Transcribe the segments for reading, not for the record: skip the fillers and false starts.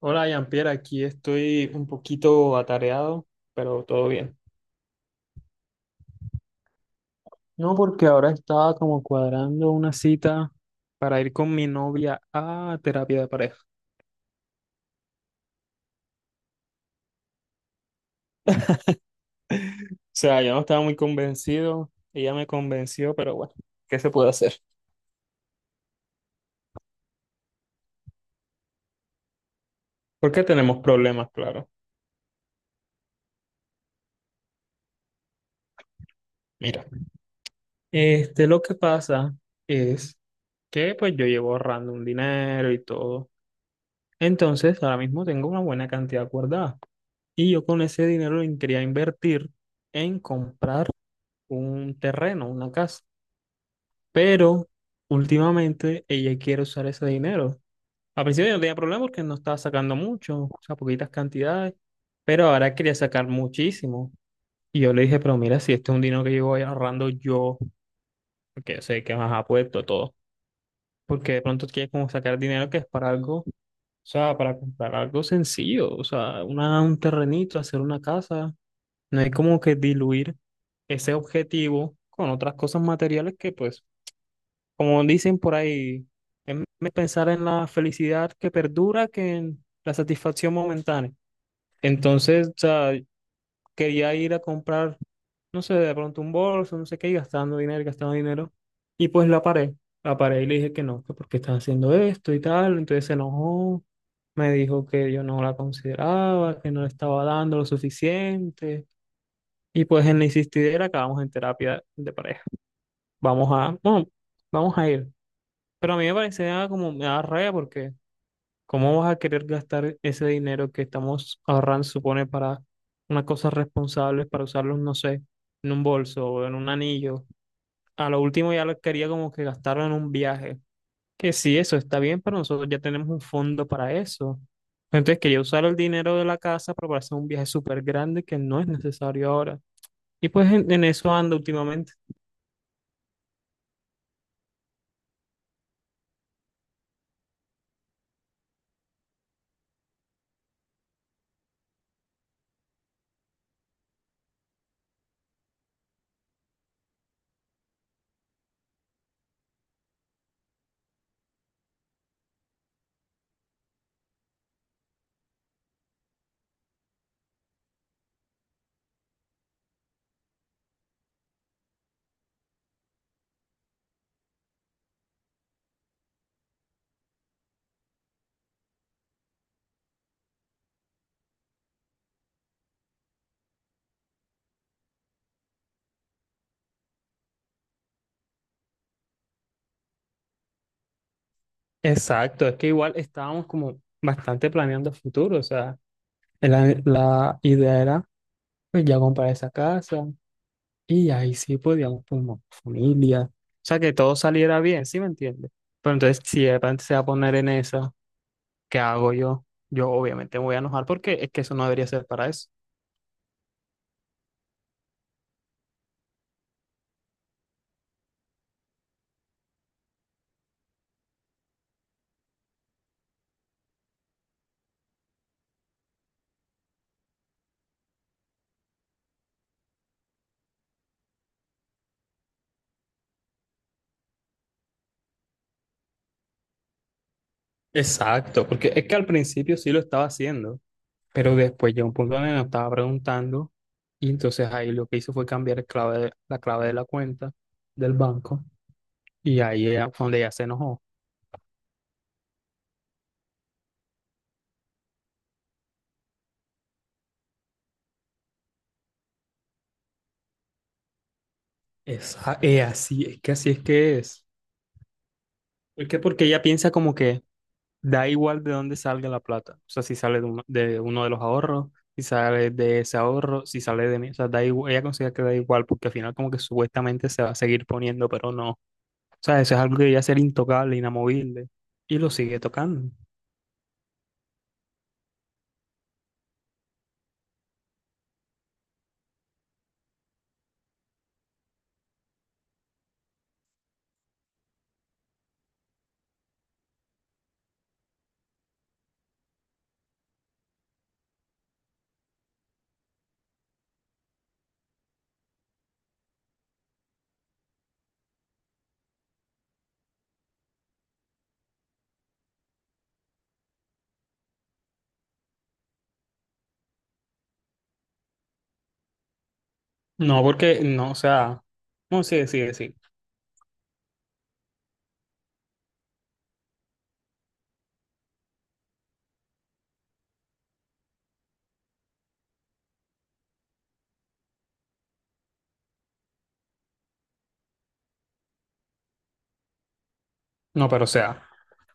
Hola, Jean-Pierre, aquí estoy un poquito atareado, pero todo bien. No, porque ahora estaba como cuadrando una cita para ir con mi novia a terapia de pareja. O sea, yo no estaba muy convencido, ella me convenció, pero bueno, ¿qué se puede hacer? Porque tenemos problemas, claro. Mira, este, lo que pasa es que pues yo llevo ahorrando un dinero y todo. Entonces, ahora mismo tengo una buena cantidad guardada. Y yo con ese dinero lo quería invertir en comprar un terreno, una casa. Pero últimamente ella quiere usar ese dinero. Al principio yo no tenía problema porque no estaba sacando mucho, o sea, poquitas cantidades, pero ahora quería sacar muchísimo. Y yo le dije, pero mira, si este es un dinero que yo voy ahorrando yo, porque yo sé que más apuesto todo, porque de pronto quieres como sacar dinero que es para algo, o sea, para comprar algo sencillo, o sea, una, un terrenito, hacer una casa, no hay como que diluir ese objetivo con otras cosas materiales que, pues, como dicen por ahí, es pensar en la felicidad que perdura que en la satisfacción momentánea. Entonces, o sea, quería ir a comprar, no sé, de pronto un bolso, no sé qué, y gastando dinero, y gastando dinero. Y pues la paré y le dije que no, que porque estás haciendo esto y tal. Entonces se enojó, me dijo que yo no la consideraba, que no le estaba dando lo suficiente. Y pues en la insistidera acabamos en terapia de pareja. Vamos a, no, vamos a ir. Pero a mí me parecía como, me da rabia porque ¿cómo vas a querer gastar ese dinero que estamos ahorrando, supone, para unas cosas responsables, para usarlos, no sé, en un bolso o en un anillo? A lo último ya lo quería como que gastarlo en un viaje. Que sí, eso está bien, pero nosotros ya tenemos un fondo para eso. Entonces quería usar el dinero de la casa para hacer un viaje súper grande que no es necesario ahora. Y pues en eso ando últimamente. Exacto, es que igual estábamos como bastante planeando futuro, o sea, la idea era pues ya comprar esa casa y ahí sí podíamos formar familia, o sea, que todo saliera bien, ¿sí me entiendes? Pero entonces si de repente se va a poner en esa, ¿qué hago yo? Yo obviamente me voy a enojar porque es que eso no debería ser para eso. Exacto, porque es que al principio sí lo estaba haciendo, pero después llegó un punto donde me estaba preguntando y entonces ahí lo que hizo fue cambiar el clave, la clave de la cuenta del banco. Y ahí ella, cuando ella se enojó, es, es así es que es. Es que porque ella piensa como que da igual de dónde salga la plata. O sea, si sale de, uno de los ahorros, si sale de ese ahorro, si sale de mí. O sea, da igual, ella considera que da igual porque al final como que supuestamente se va a seguir poniendo, pero no. O sea, eso es algo que debería ser intocable, inamovible. Y lo sigue tocando. No, porque no, o sea, no, sí, sí, sí. No, pero o sea,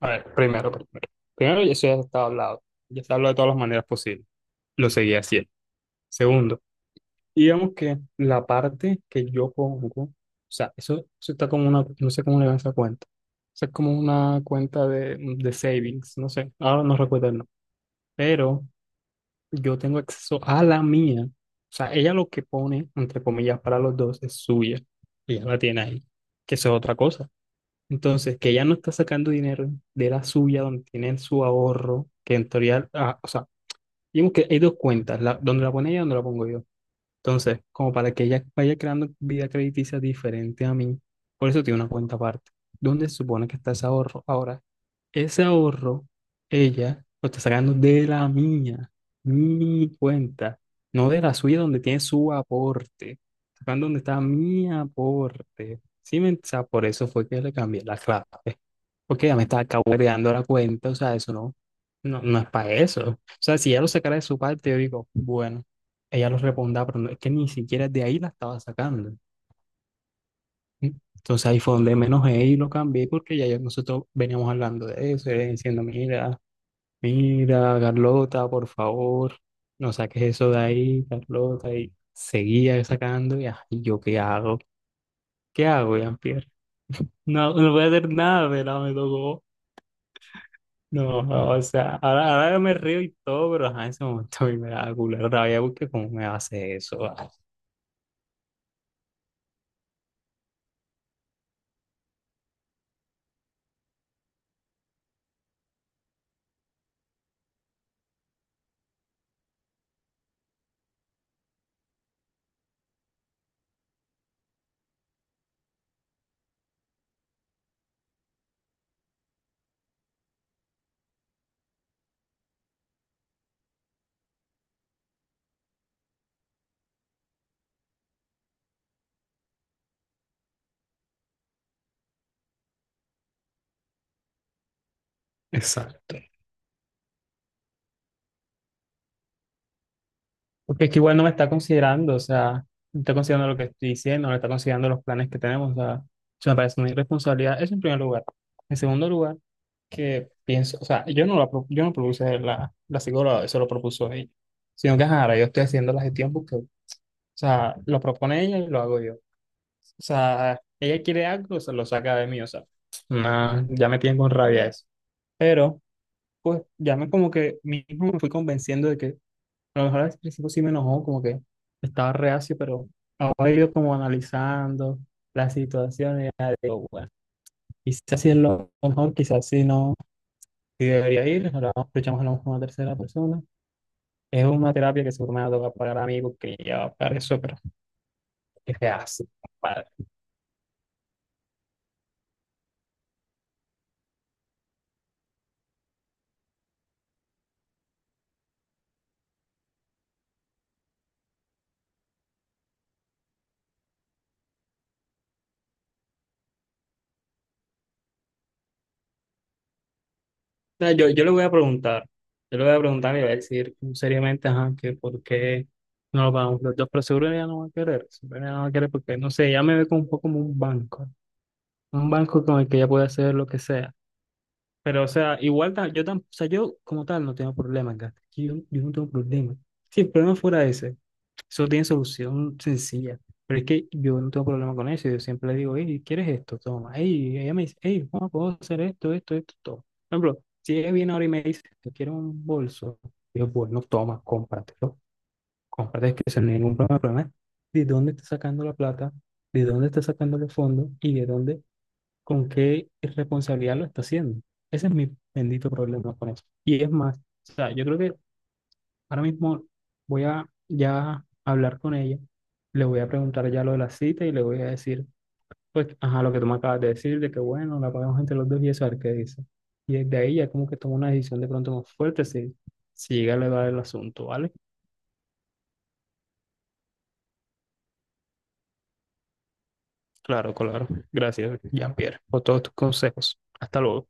a ver, primero, primero. Primero, eso ya está hablado. Ya está hablado de todas las maneras posibles. Lo seguía haciendo. Segundo, digamos que la parte que yo pongo, o sea, eso está como una, no sé cómo le llaman esa cuenta. Eso es como una cuenta de savings, no sé, ahora no recuerdo el nombre. Pero yo tengo acceso a la mía. O sea, ella lo que pone, entre comillas, para los dos es suya. Ella la tiene ahí, que eso es otra cosa. Entonces, que ella no está sacando dinero de la suya, donde tiene su ahorro, que en teoría, ah, o sea, digamos que hay dos cuentas, la, donde la pone ella y donde la pongo yo. Entonces, como para que ella vaya creando vida crediticia diferente a mí, por eso tiene una cuenta aparte. ¿Dónde se supone que está ese ahorro? Ahora, ese ahorro, ella lo está sacando de la mía, mi cuenta, no de la suya donde tiene su aporte, sacando donde está mi aporte. Sí, o sea, por eso fue que le cambié la clave. Porque ya me está dando la cuenta, o sea, eso no, no, no es para eso. O sea, si ella lo sacara de su parte, yo digo, bueno, ella lo responda, pero no, es que ni siquiera de ahí la estaba sacando. ¿Sí? Entonces ahí fue donde menos y lo cambié porque ya nosotros veníamos hablando de eso, ella diciendo, mira, mira, Carlota, por favor, no saques eso de ahí, Carlota, y seguía sacando, y ah, ¿y yo qué hago, Jean-Pierre? No, no voy a hacer nada, ¿verdad? Me tocó. No, no, o sea, ahora, ahora yo me río y todo, pero ajá, en ese momento a mí me da culera rabia porque cómo me hace eso. Ah. Exacto. Porque es que igual no me está considerando, o sea, no está considerando lo que estoy diciendo, no está considerando los planes que tenemos, o sea, eso me parece una irresponsabilidad, eso en primer lugar. En segundo lugar, que pienso, o sea, yo no, la, yo no propuse la, la psicóloga, eso lo propuso ella, sino que ajá, ahora yo estoy haciendo la gestión porque, o sea, lo propone ella y lo hago yo. O sea, ella quiere algo, se lo saca de mí, o sea, no, ya me tienen con rabia eso. Pero, pues, ya me como que mismo me fui convenciendo de que a lo mejor al principio sí me enojó, como que estaba reacio, pero ahora he ido como analizando la situación y ya digo, bueno, quizás sí es lo mejor, quizás sí no, sí debería ir, ahora escuchamos a lo mejor una tercera persona. Es una terapia que seguro me va a tocar pagar a mí porque ya va a pagar eso, pero qué hace sea, yo le voy a preguntar, yo le voy a preguntar y le voy a decir seriamente, ajá, que por qué no lo pagamos los dos, pero seguro ella no va a querer, seguro ella no va a querer porque, no sé, ella me ve como un poco como un banco con el que ella puede hacer lo que sea. Pero, o sea, igual yo, o sea, yo como tal no tengo problemas, Gata, yo no tengo problemas si el problema fuera ese. Eso tiene solución sencilla. Pero es que yo no tengo problema con eso. Yo siempre le digo, hey, ¿quieres esto? Toma. Hey, ella me dice, hey, ¿cómo puedo hacer esto, esto, esto, todo? Por ejemplo, si ella viene ahora y me dice, yo quiero un bolso, yo, bueno, toma, cómpratelo. Cómprate, es que eso no es ningún problema. El problema es ¿de dónde está sacando la plata? ¿De dónde está sacando los fondos? ¿Y de dónde, con qué responsabilidad lo está haciendo? Ese es mi bendito problema con eso. Y es más, o sea, yo creo que ahora mismo voy a ya hablar con ella, le voy a preguntar ya lo de la cita y le voy a decir, pues, ajá, lo que tú me acabas de decir, de que bueno, la pagamos entre los dos y eso, a ver qué dice. Y desde ahí ya como que tomo una decisión de pronto más fuerte si, si llega a elevar el asunto, ¿vale? Claro, claro. Gracias, Jean-Pierre, por todos tus consejos. Hasta luego.